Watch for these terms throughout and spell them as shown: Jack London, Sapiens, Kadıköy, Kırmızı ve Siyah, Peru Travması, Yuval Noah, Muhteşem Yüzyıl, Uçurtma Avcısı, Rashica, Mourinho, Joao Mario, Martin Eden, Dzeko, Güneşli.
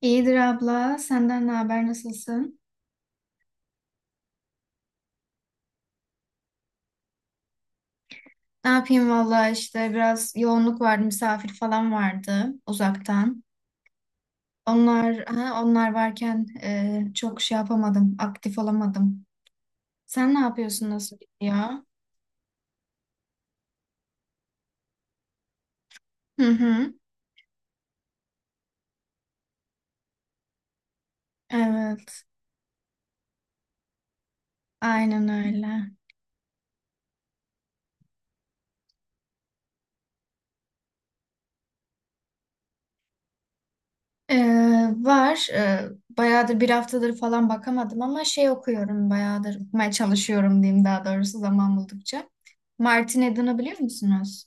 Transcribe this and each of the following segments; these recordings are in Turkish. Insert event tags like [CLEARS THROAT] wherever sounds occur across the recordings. İyidir abla. Senden ne haber? Nasılsın? Ne yapayım valla işte biraz yoğunluk vardı. Misafir falan vardı uzaktan. Onlar varken çok şey yapamadım. Aktif olamadım. Sen ne yapıyorsun? Nasıl gidiyor? Hı hı. Evet. Aynen öyle. E, var. Bayağıdır bir haftadır falan bakamadım ama şey okuyorum bayağıdır. Okumaya çalışıyorum diyeyim daha doğrusu zaman buldukça. Martin Eden'ı biliyor musunuz?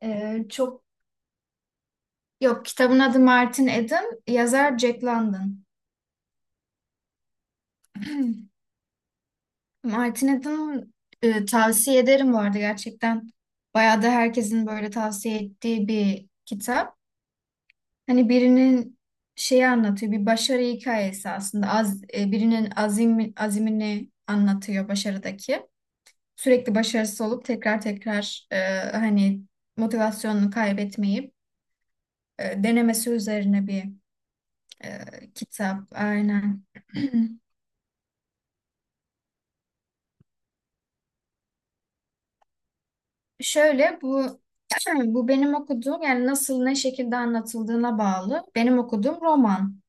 Çok Yok, kitabın adı Martin Eden, yazar Jack London. [CLEARS THROAT] Martin Eden tavsiye ederim bu arada gerçekten. Bayağı da herkesin böyle tavsiye ettiği bir kitap. Hani birinin şeyi anlatıyor, bir başarı hikayesi aslında. Birinin azimini anlatıyor başarıdaki. Sürekli başarısız olup tekrar tekrar hani motivasyonunu kaybetmeyip denemesi üzerine bir kitap. Aynen. [CLEARS THROAT] Şöyle bu [CLEARS THROAT] bu benim okuduğum yani nasıl ne şekilde anlatıldığına bağlı. Benim okuduğum roman.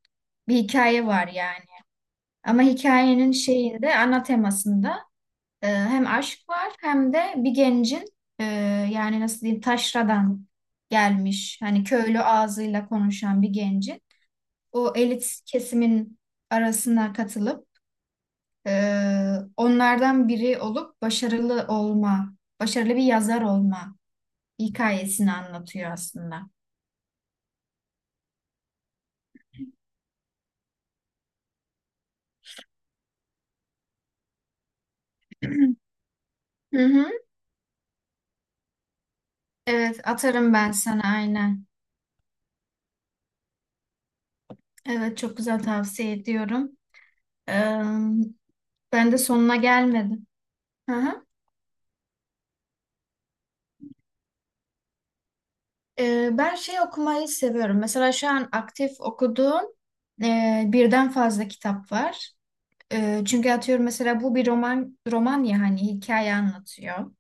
Bir hikaye var yani. Ama hikayenin şeyinde ana temasında hem aşk var hem de bir gencin e, yani nasıl diyeyim taşradan gelmiş hani köylü ağzıyla konuşan bir gencin o elit kesimin arasına katılıp e, onlardan biri olup başarılı olma, başarılı bir yazar olma hikayesini anlatıyor aslında. [CLEARS THROAT] Hı hı. Evet atarım ben sana aynen. Evet çok güzel tavsiye ediyorum. Ee, ben de sonuna gelmedim. Hı hı. Ben şey okumayı seviyorum. Mesela şu an aktif okuduğum birden fazla kitap var. Çünkü atıyorum mesela bu bir roman ya hani hikaye anlatıyor.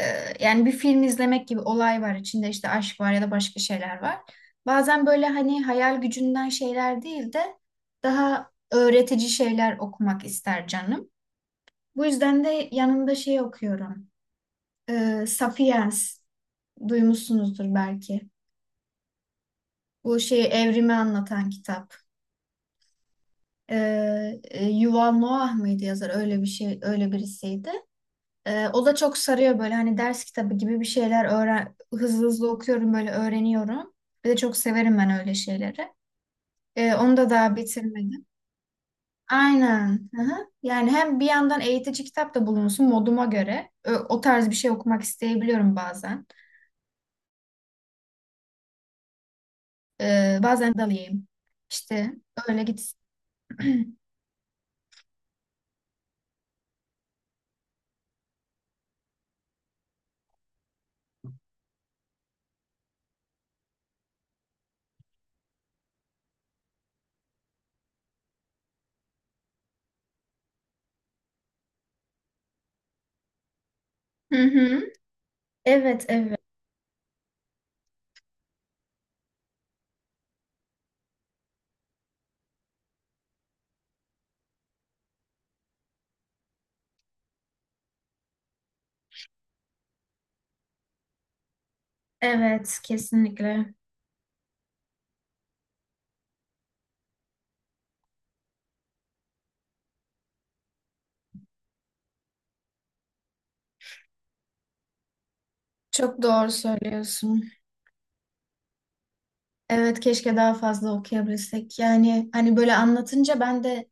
e, yani bir film izlemek gibi olay var. İçinde işte aşk var ya da başka şeyler var. Bazen böyle hani hayal gücünden şeyler değil de daha öğretici şeyler okumak ister canım. Bu yüzden de yanında şey okuyorum. Sapiens duymuşsunuzdur belki. Bu şeyi evrimi anlatan kitap. E, Yuval Noah mıydı yazar? Öyle bir şey, öyle birisiydi. O da çok sarıyor böyle hani ders kitabı gibi bir şeyler öğren hızlı hızlı okuyorum böyle öğreniyorum. Bir de çok severim ben öyle şeyleri. Onu da daha bitirmedim. Aynen. Hı hı. Yani hem bir yandan eğitici kitap da bulunsun moduma göre. O tarz bir şey okumak isteyebiliyorum bazen. Bazen dalayım. İşte öyle gitsin. [CLEARS THROAT] Hı hı. Evet, evet. Evet, kesinlikle. Çok doğru söylüyorsun. Evet keşke daha fazla okuyabilsek. Yani hani böyle anlatınca ben de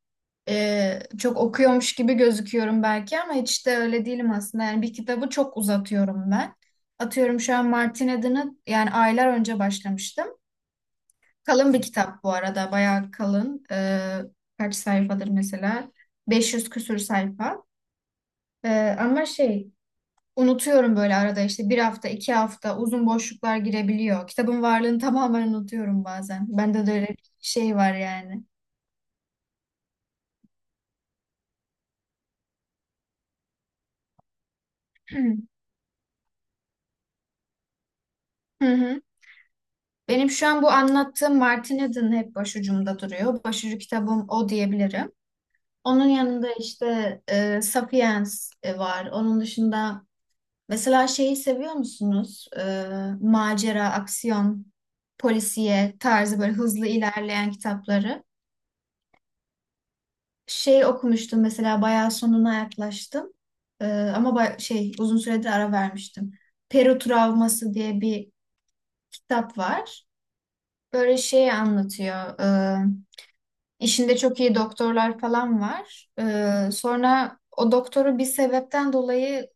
çok okuyormuş gibi gözüküyorum belki ama hiç de öyle değilim aslında. Yani bir kitabı çok uzatıyorum ben. Atıyorum şu an Martin Eden'ı yani aylar önce başlamıştım. Kalın bir kitap bu arada bayağı kalın. Kaç sayfadır mesela? 500 küsür sayfa. E, ama şey Unutuyorum böyle arada işte bir hafta, 2 hafta uzun boşluklar girebiliyor. Kitabın varlığını [LAUGHS] tamamen unutuyorum bazen. Bende de öyle bir şey var yani. [CLEARS THROAT] Hı hı. Benim şu an bu anlattığım Martin Eden hep başucumda duruyor. Başucu kitabım o diyebilirim. Onun yanında işte Sapiens var. Onun dışında mesela şeyi seviyor musunuz? Macera, aksiyon, polisiye tarzı böyle hızlı ilerleyen kitapları. Şey okumuştum mesela bayağı sonuna yaklaştım. Ama uzun süredir ara vermiştim. Peru Travması diye bir kitap var. Böyle şey anlatıyor. İşinde çok iyi doktorlar falan var. Sonra o doktoru bir sebepten dolayı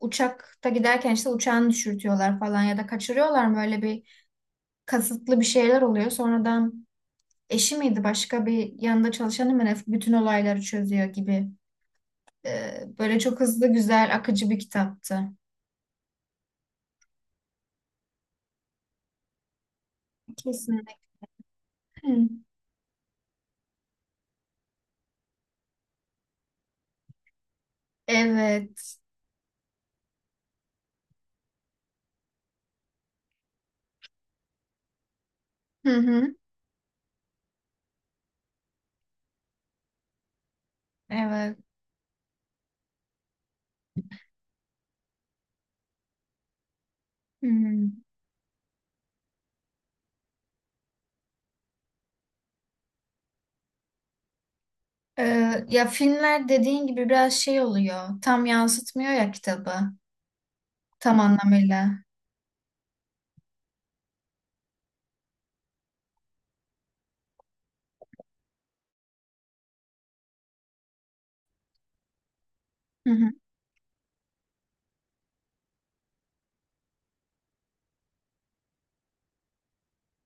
uçakta giderken işte uçağını düşürtüyorlar falan ya da kaçırıyorlar mı? Öyle bir kasıtlı bir şeyler oluyor. Sonradan eşi miydi başka bir yanında çalışanı mı ne bütün olayları çözüyor gibi. Böyle çok hızlı, güzel, akıcı bir kitaptı. Kesinlikle. Hı. Evet. Hı hı. Evet. Hı. Ya filmler dediğin gibi biraz şey oluyor. Tam yansıtmıyor ya kitabı. Tam anlamıyla. Hı hı.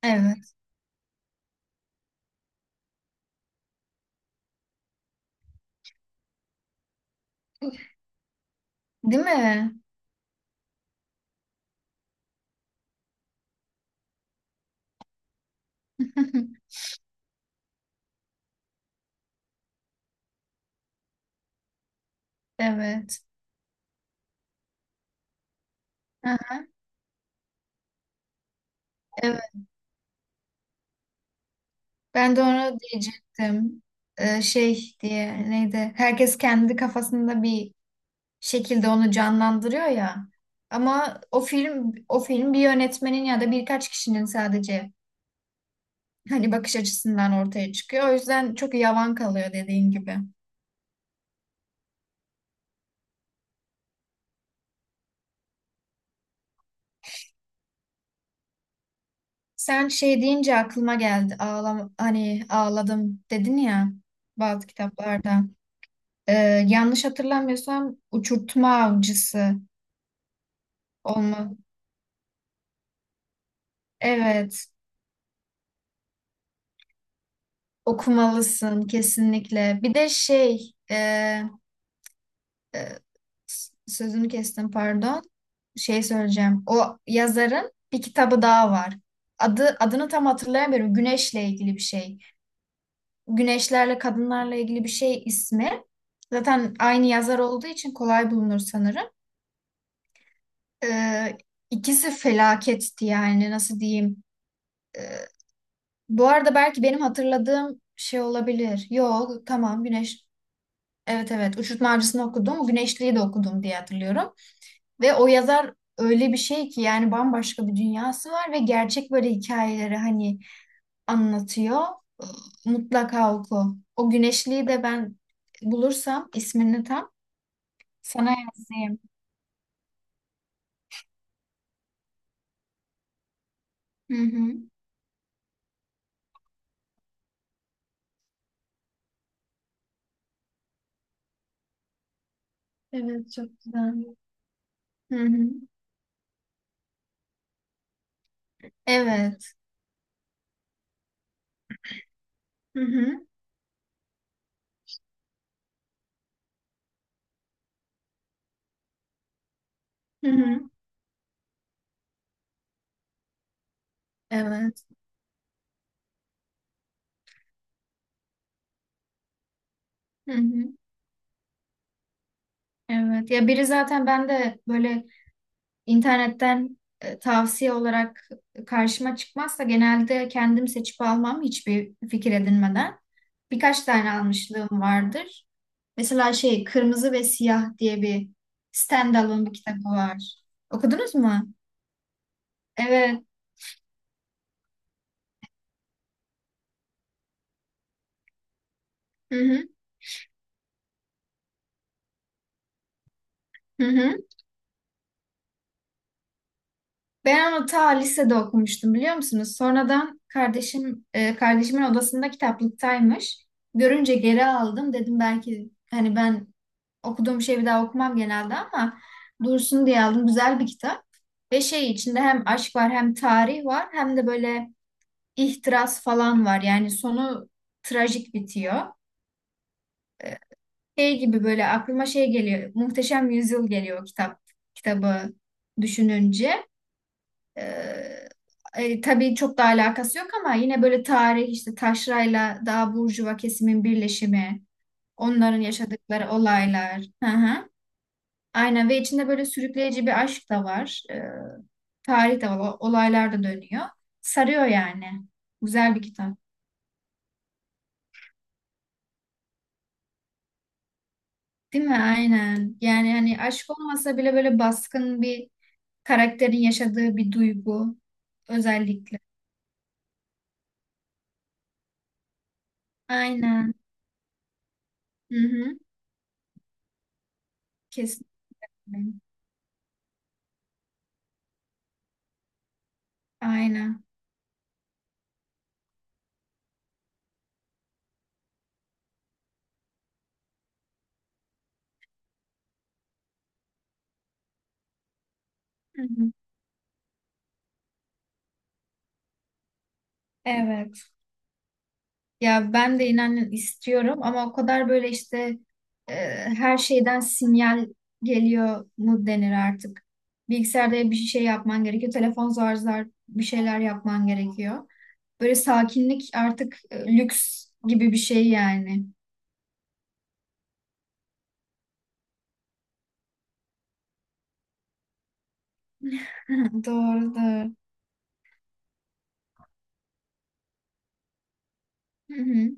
Evet. Değil mi? [LAUGHS] Evet. Aha, evet. Ben de onu diyecektim. Şey diye neydi? Herkes kendi kafasında bir şekilde onu canlandırıyor ya. Ama o film bir yönetmenin ya da birkaç kişinin sadece hani bakış açısından ortaya çıkıyor. O yüzden çok yavan kalıyor dediğin gibi. Sen şey deyince aklıma geldi. Hani ağladım dedin ya bazı kitaplarda. Ee, yanlış hatırlamıyorsam Uçurtma Avcısı olma. Evet, okumalısın kesinlikle. Bir de şey, e, sözünü kestim pardon. Şey söyleyeceğim. O yazarın bir kitabı daha var. Adını tam hatırlayamıyorum. Güneşle ilgili bir şey. Güneşlerle kadınlarla ilgili bir şey ismi. Zaten aynı yazar olduğu için kolay bulunur sanırım. Ee, ikisi felaketti yani nasıl diyeyim. Ee, bu arada belki benim hatırladığım şey olabilir. Yok tamam Güneş. Evet evet Uçurtma Avcısı'nı okudum. Güneşli'yi de okudum diye hatırlıyorum. Ve o yazar öyle bir şey ki yani bambaşka bir dünyası var ve gerçek böyle hikayeleri hani anlatıyor. Mutlaka oku. O Güneşli'yi de ben bulursam ismini tam sana yazayım. Hı hı. Evet çok güzel. Hı hı. Evet. Hı hı. Hı hı. Evet. Hı hı. Evet. Ya biri zaten ben de böyle İnternetten tavsiye olarak karşıma çıkmazsa genelde kendim seçip almam hiçbir fikir edinmeden. Birkaç tane almışlığım vardır. Mesela şey Kırmızı ve Siyah diye bir standalone bir kitabı var. Okudunuz mu? Evet. Hı hı. Hı hı. Ben onu ta lisede okumuştum biliyor musunuz? Sonradan kardeşimin odasında kitaplıktaymış. Görünce geri aldım. Dedim belki hani ben okuduğum şeyi bir daha okumam genelde ama dursun diye aldım. Güzel bir kitap. Ve şey içinde hem aşk var hem tarih var hem de böyle ihtiras falan var. Yani sonu trajik bitiyor. Şey gibi böyle aklıma şey geliyor. Muhteşem Yüzyıl geliyor o kitabı düşününce. Ee, tabii çok da alakası yok ama yine böyle tarih işte taşrayla daha burjuva kesimin birleşimi, onların yaşadıkları olaylar. Hı hı. Aynen ve içinde böyle sürükleyici bir aşk da var. Tarih de var, olaylar da dönüyor. Sarıyor yani. Güzel bir kitap. Değil mi? Aynen. Yani hani aşk olmasa bile böyle baskın bir karakterin yaşadığı bir duygu özellikle. Aynen. Hı hı. Kesinlikle. Aynen. Hı hı. Evet. Ya ben de inanın istiyorum ama o kadar böyle işte e, her şeyden sinyal geliyor mu denir artık. Bilgisayarda bir şey yapman gerekiyor. Telefon zar zar bir şeyler yapman gerekiyor. Böyle sakinlik artık lüks gibi bir şey yani. [LAUGHS] Doğrudur. Hı hı.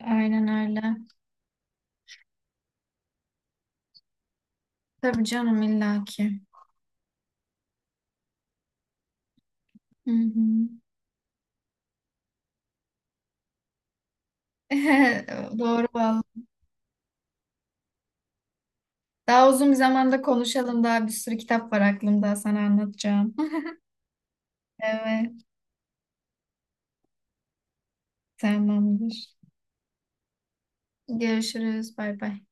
Aynen öyle. Tabii canım illaki. Hı hı. [LAUGHS] Doğru vallahi. Daha uzun bir zamanda konuşalım. Daha bir sürü kitap var aklımda sana anlatacağım. [LAUGHS] Evet. Tamamdır. Görüşürüz. Bay bay.